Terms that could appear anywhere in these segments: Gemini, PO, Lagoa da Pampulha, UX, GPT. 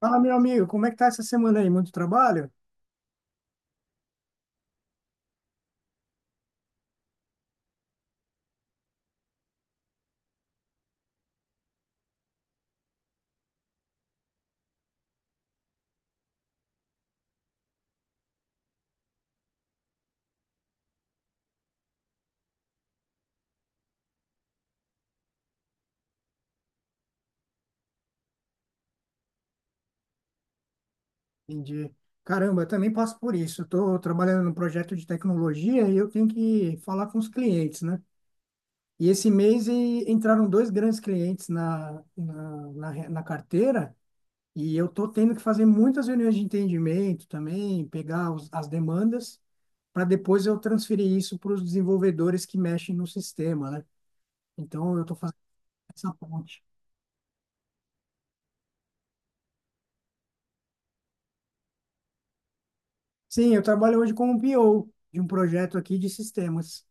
Fala, meu amigo, como é que tá essa semana aí? Muito trabalho? Entendi. Caramba, eu também passo por isso. Estou trabalhando num projeto de tecnologia e eu tenho que falar com os clientes, né? E esse mês entraram dois grandes clientes na carteira e eu estou tendo que fazer muitas reuniões de entendimento também, pegar as demandas, para depois eu transferir isso para os desenvolvedores que mexem no sistema, né? Então, eu estou fazendo essa ponte. Sim, eu trabalho hoje como PO de um projeto aqui de sistemas.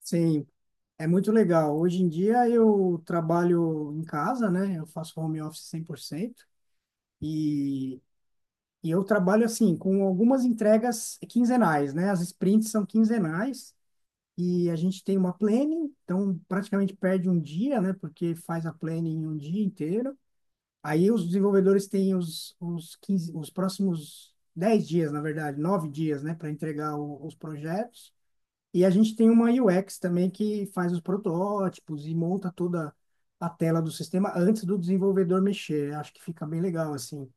Sim, é muito legal. Hoje em dia eu trabalho em casa, né? Eu faço home office 100% e, eu trabalho assim com algumas entregas quinzenais, né? As sprints são quinzenais e a gente tem uma planning, então praticamente perde um dia, né? Porque faz a planning um dia inteiro. Aí os desenvolvedores têm os 15 os próximos 10 dias, na verdade, 9 dias, né? Para entregar os projetos. E a gente tem uma UX também que faz os protótipos e monta toda a tela do sistema antes do desenvolvedor mexer. Acho que fica bem legal assim.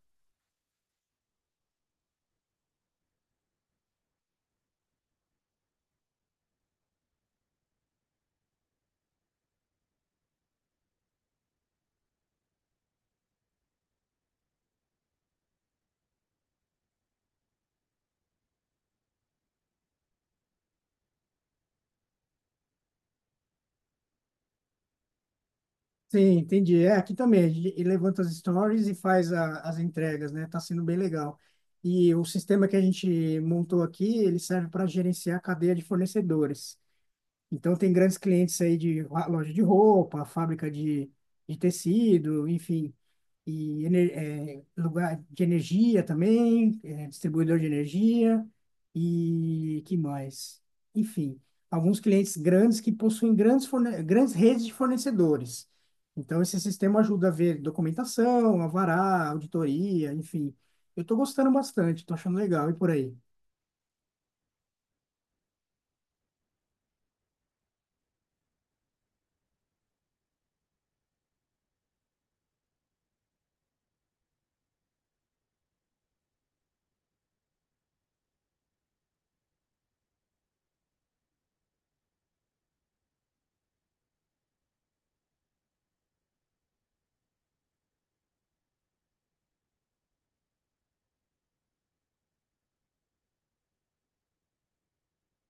Sim, entendi. É, aqui também, a gente levanta as stories e faz as entregas, né? Tá sendo bem legal. E o sistema que a gente montou aqui, ele serve para gerenciar a cadeia de fornecedores. Então, tem grandes clientes aí de loja de roupa, fábrica de, tecido, enfim, e lugar de energia também, distribuidor de energia, e que mais? Enfim, alguns clientes grandes que possuem grandes, grandes redes de fornecedores. Então, esse sistema ajuda a ver documentação, alvará, auditoria, enfim. Eu estou gostando bastante, estou achando legal, e por aí?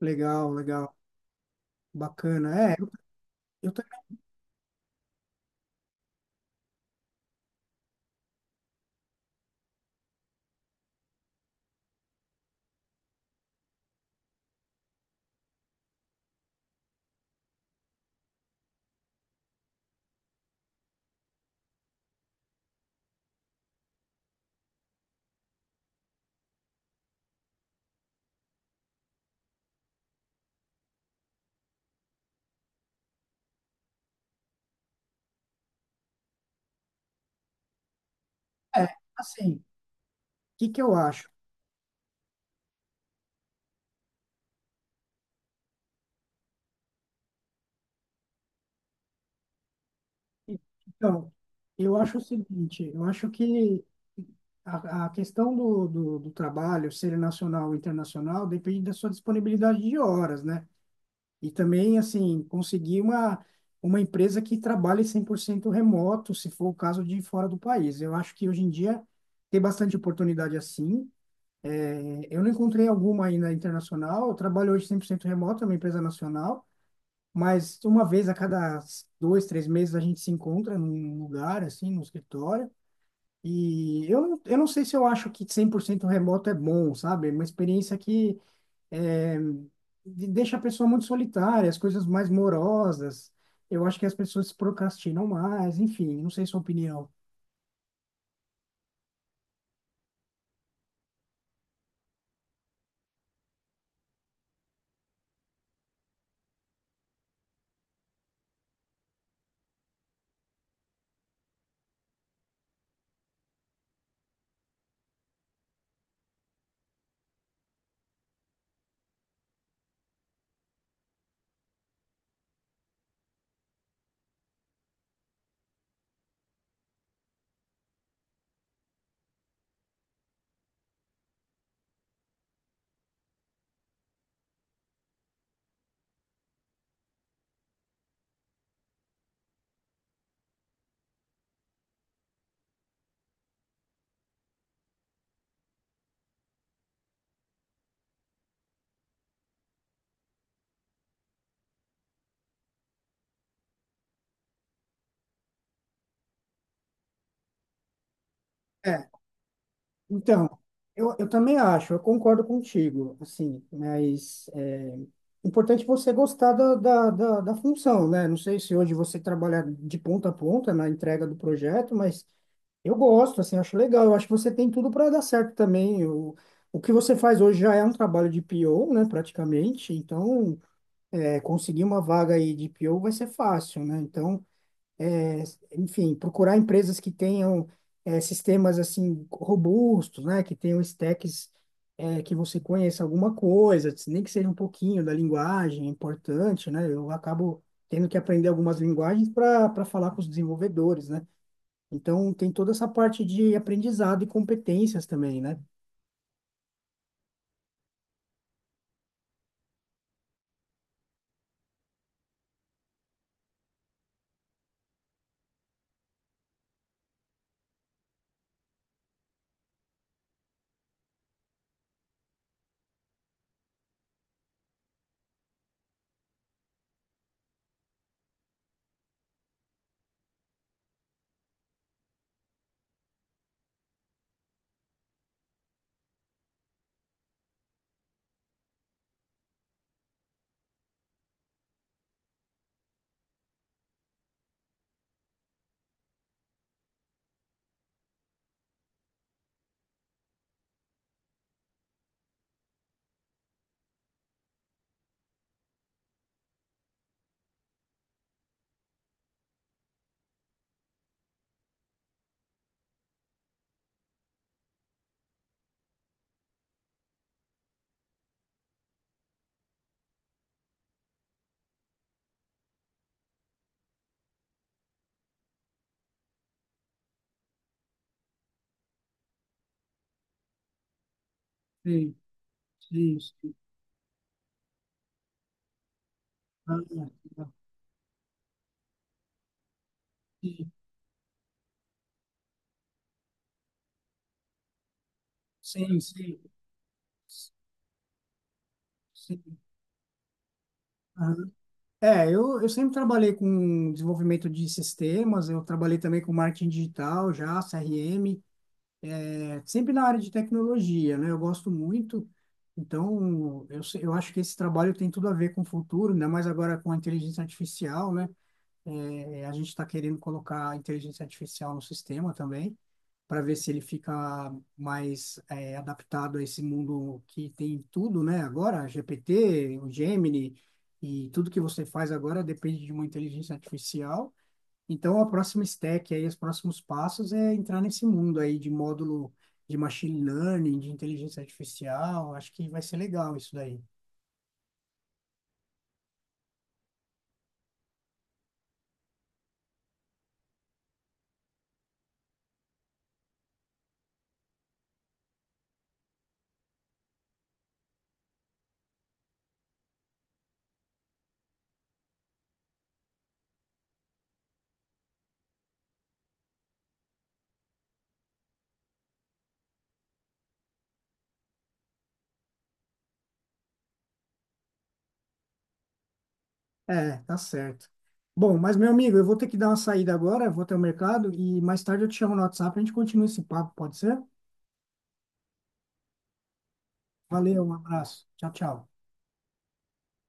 Legal, legal, bacana. É, eu tô- é, assim. Que eu acho? Então, eu acho o seguinte, eu acho que a, questão do trabalho ser nacional ou internacional depende da sua disponibilidade de horas, né? E também, assim, conseguir uma empresa que trabalhe 100% remoto, se for o caso de fora do país. Eu acho que hoje em dia tem bastante oportunidade assim. É, eu não encontrei alguma ainda internacional. Eu trabalho hoje 100% remoto, é uma empresa nacional, mas uma vez a cada dois, três meses a gente se encontra num lugar, assim, no escritório. E eu não sei, se eu acho que 100% remoto é bom, sabe? É uma experiência que é, deixa a pessoa muito solitária, as coisas mais morosas. Eu acho que as pessoas se procrastinam mais, enfim, não sei sua opinião. Então, eu, também acho, eu concordo contigo, assim, mas é importante você gostar da função, né? Não sei se hoje você trabalha de ponta a ponta na entrega do projeto, mas eu gosto, assim, acho legal, eu acho que você tem tudo para dar certo também. O que você faz hoje já é um trabalho de PO, né, praticamente. Então é, conseguir uma vaga aí de PO vai ser fácil, né? Então, enfim, procurar empresas que tenham sistemas assim robustos, né, que tenham stacks que você conheça alguma coisa, nem que seja um pouquinho da linguagem, é importante, né? Eu acabo tendo que aprender algumas linguagens para falar com os desenvolvedores, né? Então tem toda essa parte de aprendizado e competências também, né? Sim, sim, sim. Ah, sim, sim, sim. Sim. É, eu sempre trabalhei com desenvolvimento de sistemas, eu trabalhei também com marketing digital já, CRM, é, sempre na área de tecnologia, né? Eu gosto muito, então eu, se- eu acho que esse trabalho tem tudo a ver com o futuro, ainda mais agora com a inteligência artificial, né? É, a gente está querendo colocar a inteligência artificial no sistema também, para ver se ele fica mais é, adaptado a esse mundo que tem tudo, né? Agora, GPT, o Gemini, e tudo que você faz agora depende de uma inteligência artificial. Então, a próxima stack, aí, os próximos passos é entrar nesse mundo aí de módulo de machine learning, de inteligência artificial. Acho que vai ser legal isso daí. É, tá certo. Bom, mas meu amigo, eu vou ter que dar uma saída agora, vou até o mercado e mais tarde eu te chamo no WhatsApp, a gente continua esse papo, pode ser? Valeu, um abraço. Tchau, tchau.